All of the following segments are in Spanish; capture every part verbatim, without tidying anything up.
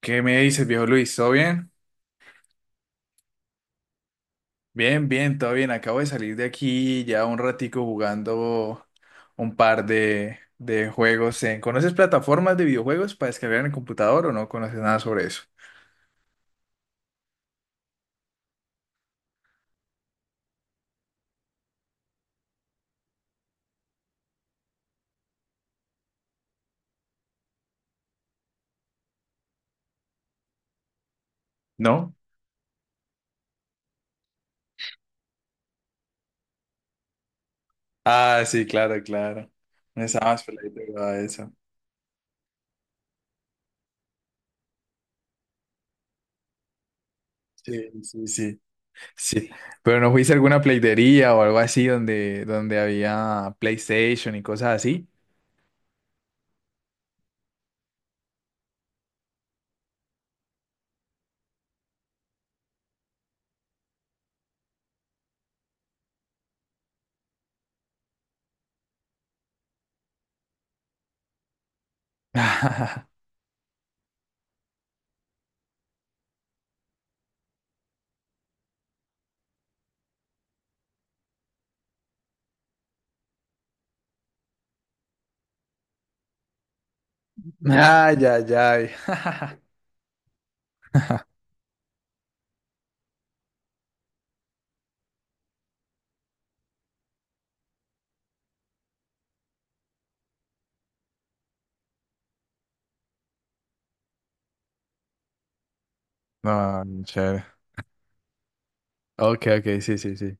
¿Qué me dices, viejo Luis? ¿Todo bien? Bien, bien, todo bien. Acabo de salir de aquí ya un ratico jugando un par de, de juegos. en- ¿Conoces plataformas de videojuegos para descargar en el computador o no conoces nada sobre eso? ¿No? Ah, sí, claro, claro. No estabas peladito jugaba eso. Sí, sí, sí. Sí. Pero no fuiste a alguna playdería o algo así donde, donde había PlayStation y cosas así. Ah, ya, ya. No, chévere. Ok, ok, sí, sí, sí.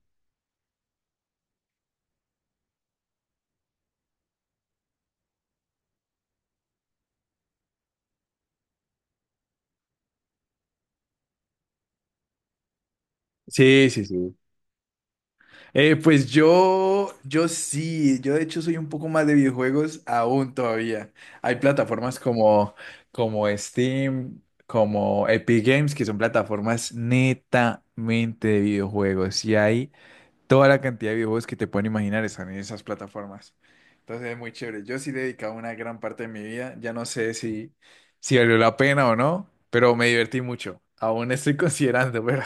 Sí, sí, sí. Eh, pues yo, yo sí, yo de hecho soy un poco más de videojuegos aún todavía. Hay plataformas como, como Steam, como Epic Games, que son plataformas netamente de videojuegos. Y hay toda la cantidad de videojuegos que te pueden imaginar están en esas plataformas. Entonces es muy chévere. Yo sí he dedicado una gran parte de mi vida. Ya no sé si, si valió la pena o no, pero me divertí mucho. Aún estoy considerando, pero...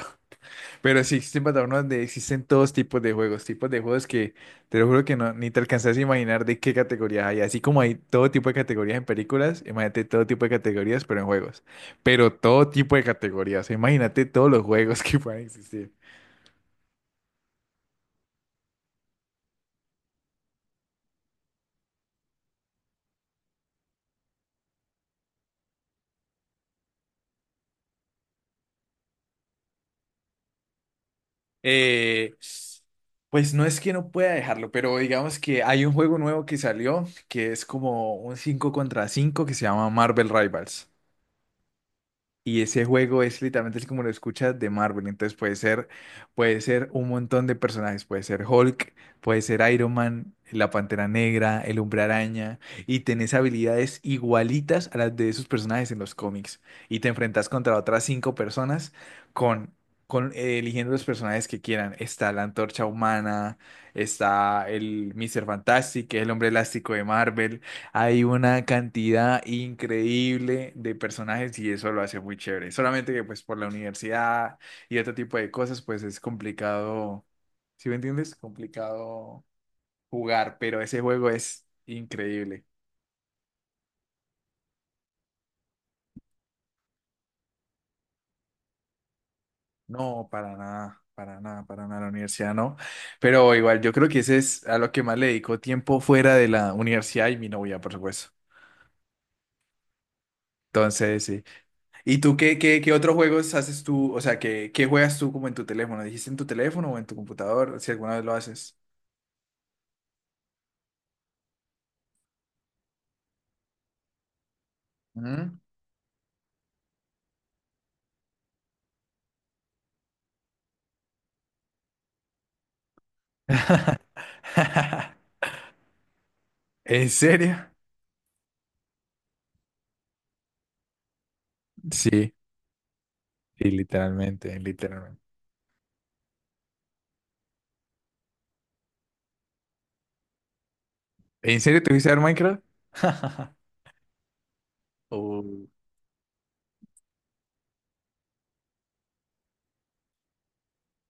Pero sí existen plataformas donde existen todos tipos de juegos, tipos de juegos que te lo juro que no, ni te alcanzas a imaginar de qué categorías hay. Así como hay todo tipo de categorías en películas, imagínate todo tipo de categorías, pero en juegos. Pero todo tipo de categorías, imagínate todos los juegos que puedan existir. Eh, pues no es que no pueda dejarlo, pero digamos que hay un juego nuevo que salió que es como un cinco contra cinco que se llama Marvel Rivals. Y ese juego es literalmente así como lo escuchas de Marvel. Entonces puede ser, puede ser un montón de personajes. Puede ser Hulk, puede ser Iron Man, la Pantera Negra, el Hombre Araña. Y tenés habilidades igualitas a las de esos personajes en los cómics. Y te enfrentas contra otras cinco personas con, con eh, eligiendo los personajes que quieran. Está la Antorcha Humana, está el míster Fantastic, que es el hombre elástico de Marvel. Hay una cantidad increíble de personajes y eso lo hace muy chévere. Solamente que pues por la universidad y otro tipo de cosas pues es complicado, ¿sí me entiendes? Complicado jugar, pero ese juego es increíble. No, para nada, para nada, para nada, la universidad no. Pero igual yo creo que ese es a lo que más le dedico tiempo fuera de la universidad y mi novia, por supuesto. Entonces, sí. ¿Y tú qué, qué, qué otros juegos haces tú? O sea, ¿qué, qué juegas tú como en tu teléfono? ¿Dijiste en tu teléfono o en tu computador? Si alguna vez lo haces. Mm. ¿En serio? Sí, sí, literalmente, literalmente. ¿En serio te fuiste a ver Minecraft? Oh,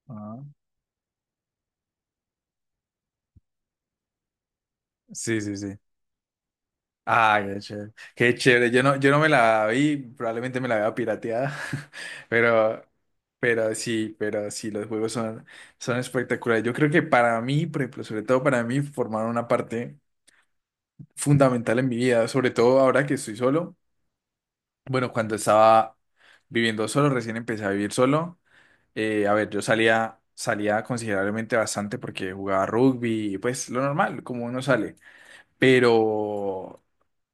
ah. Sí, sí, sí. Ah, qué chévere. Qué chévere. Yo no, yo no me la vi, probablemente me la vea pirateada, pero, pero sí, pero sí, los juegos son, son espectaculares. Yo creo que para mí, por ejemplo, sobre todo para mí, formaron una parte fundamental en mi vida, sobre todo ahora que estoy solo. Bueno, cuando estaba viviendo solo, recién empecé a vivir solo. Eh, a ver, yo salía, salía considerablemente bastante porque jugaba rugby, y pues lo normal, como uno sale, pero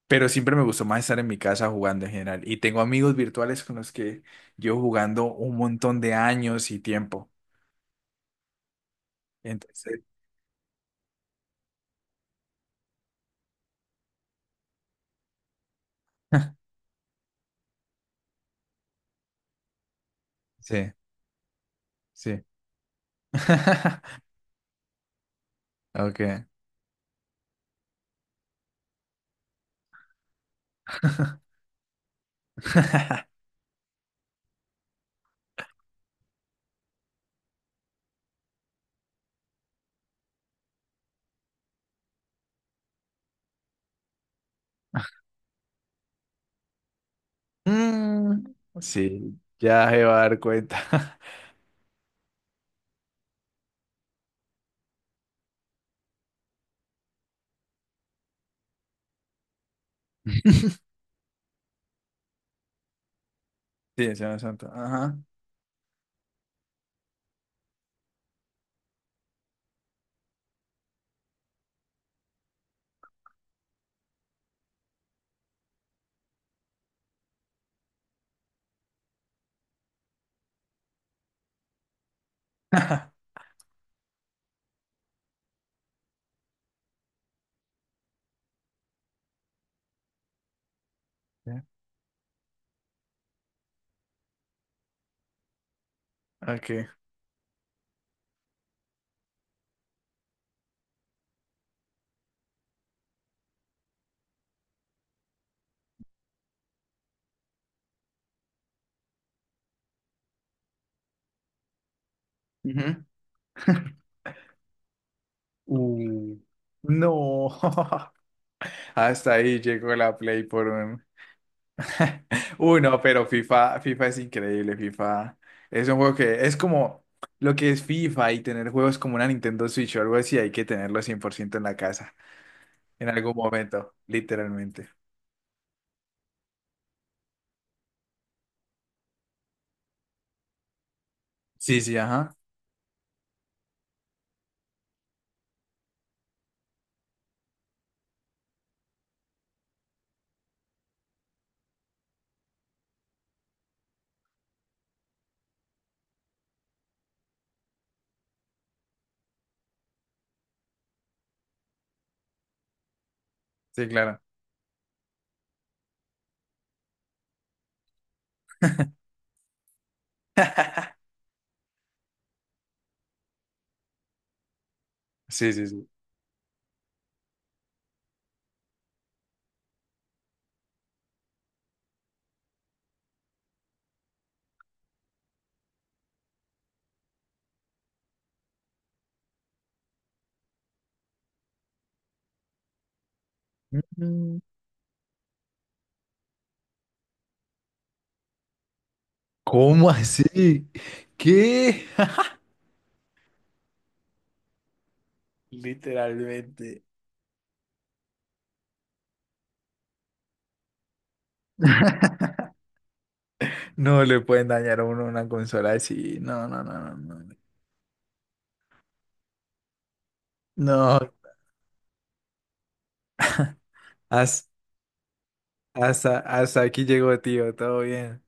pero siempre me gustó más estar en mi casa jugando en general. Y tengo amigos virtuales con los que llevo jugando un montón de años y tiempo. Entonces, sí, sí. Ok. Mm, sí, ya se va a dar cuenta. Sí, el Semana Santa. Ajá. Ya, ok. Ujú. Uh, no. Hasta ahí llegó la Play por un, uy, no, pero FIFA, FIFA es increíble, FIFA. Es un juego que es como lo que es FIFA, y tener juegos como una Nintendo Switch o algo así, hay que tenerlo cien por ciento en la casa, en algún momento, literalmente. Sí, sí, ajá. Sí, claro. Sí, sí, sí. Mm, ¿cómo así? ¿Qué? Literalmente. No le pueden dañar a uno una consola así. No, no, no, no, no. No, has hasta, hasta aquí llegó, tío, todo bien.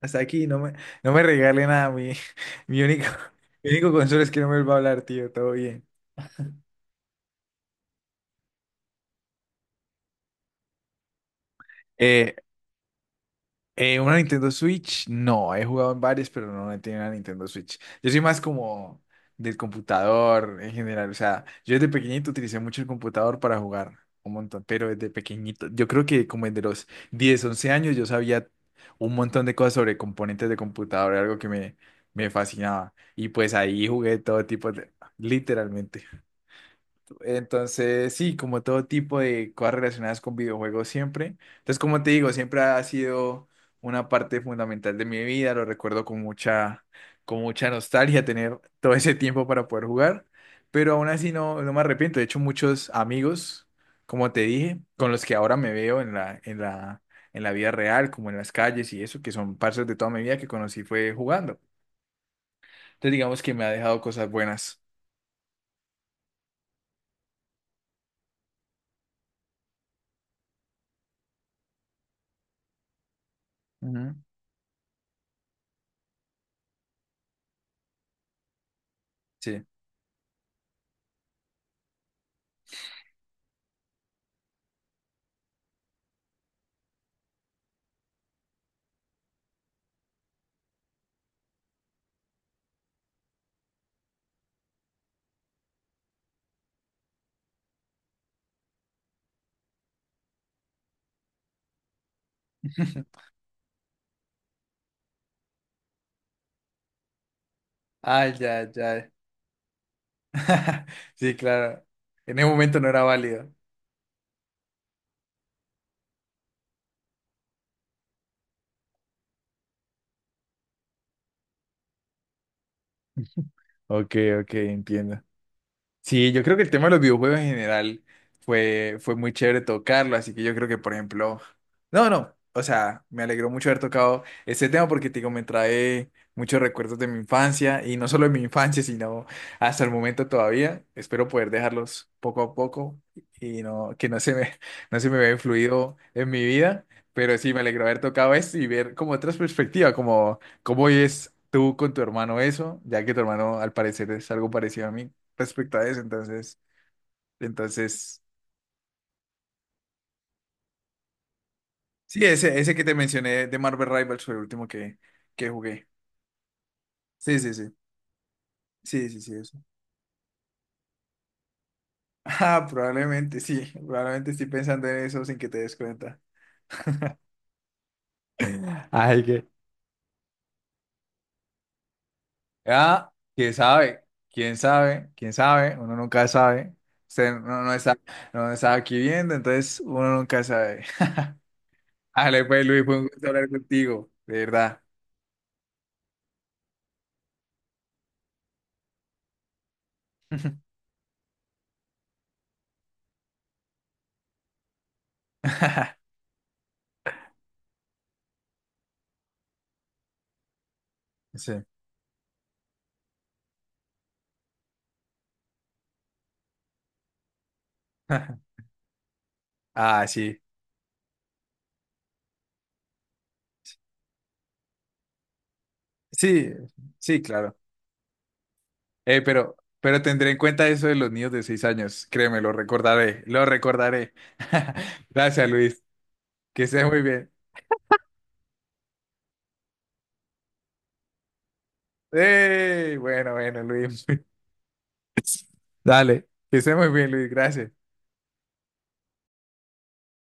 Hasta aquí, no me, no me regale nada. Mi, mi único, mi único consuelo es que no me va a hablar, tío. Todo bien. Eh, eh, ¿Una Nintendo Switch? No, he jugado en varias, pero no no he tenido una Nintendo Switch. Yo soy más como del computador en general. O sea, yo desde pequeñito utilicé mucho el computador para jugar un montón, pero desde pequeñito, yo creo que como desde los diez once años, yo sabía un montón de cosas sobre componentes de computador, era algo que me, me fascinaba. Y pues ahí jugué todo tipo de, literalmente. Entonces, sí, como todo tipo de cosas relacionadas con videojuegos siempre. Entonces, como te digo, siempre ha sido una parte fundamental de mi vida. Lo recuerdo con mucha, con mucha nostalgia tener todo ese tiempo para poder jugar. Pero aún así no, no me arrepiento. De hecho, muchos amigos, como te dije, con los que ahora me veo en la, en la, en la vida real, como en las calles y eso, que son partes de toda mi vida que conocí fue jugando. Entonces, digamos que me ha dejado cosas buenas. Ujú, sí. Ah, ya, ya. Sí, claro. En ese momento no era válido. Ok, ok, entiendo. Sí, yo creo que el tema de los videojuegos en general fue, fue muy chévere tocarlo, así que yo creo que, por ejemplo, no, no, o sea, me alegró mucho haber tocado este tema porque, te digo, me trae muchos recuerdos de mi infancia y no solo de mi infancia, sino hasta el momento todavía. Espero poder dejarlos poco a poco y no, que no se me, no se me vea influido en mi vida, pero sí, me alegró haber tocado esto y ver como otras perspectivas, como cómo es tú con tu hermano eso, ya que tu hermano al parecer es algo parecido a mí respecto a eso. Entonces, entonces, sí, ese, ese que te mencioné de Marvel Rivals fue el último que, que jugué. Sí, sí, sí. Sí, sí, sí, eso. Ah, probablemente sí. Probablemente estoy pensando en eso sin que te des cuenta. Ay, que. Ah, quién sabe, quién sabe, quién sabe, uno nunca sabe. Usted no, no está, no está aquí viendo, entonces uno nunca sabe. Ale, pues Luis, fue un gusto hablar contigo, de verdad. Sí. Ah, sí. Sí, sí, claro. Eh, pero, pero tendré en cuenta eso de los niños de seis años. Créeme, lo recordaré, lo recordaré. Gracias, Luis. Que estés muy bien. ¡Ey! Bueno, bueno, Luis. Dale, que estés muy bien, Luis. Gracias.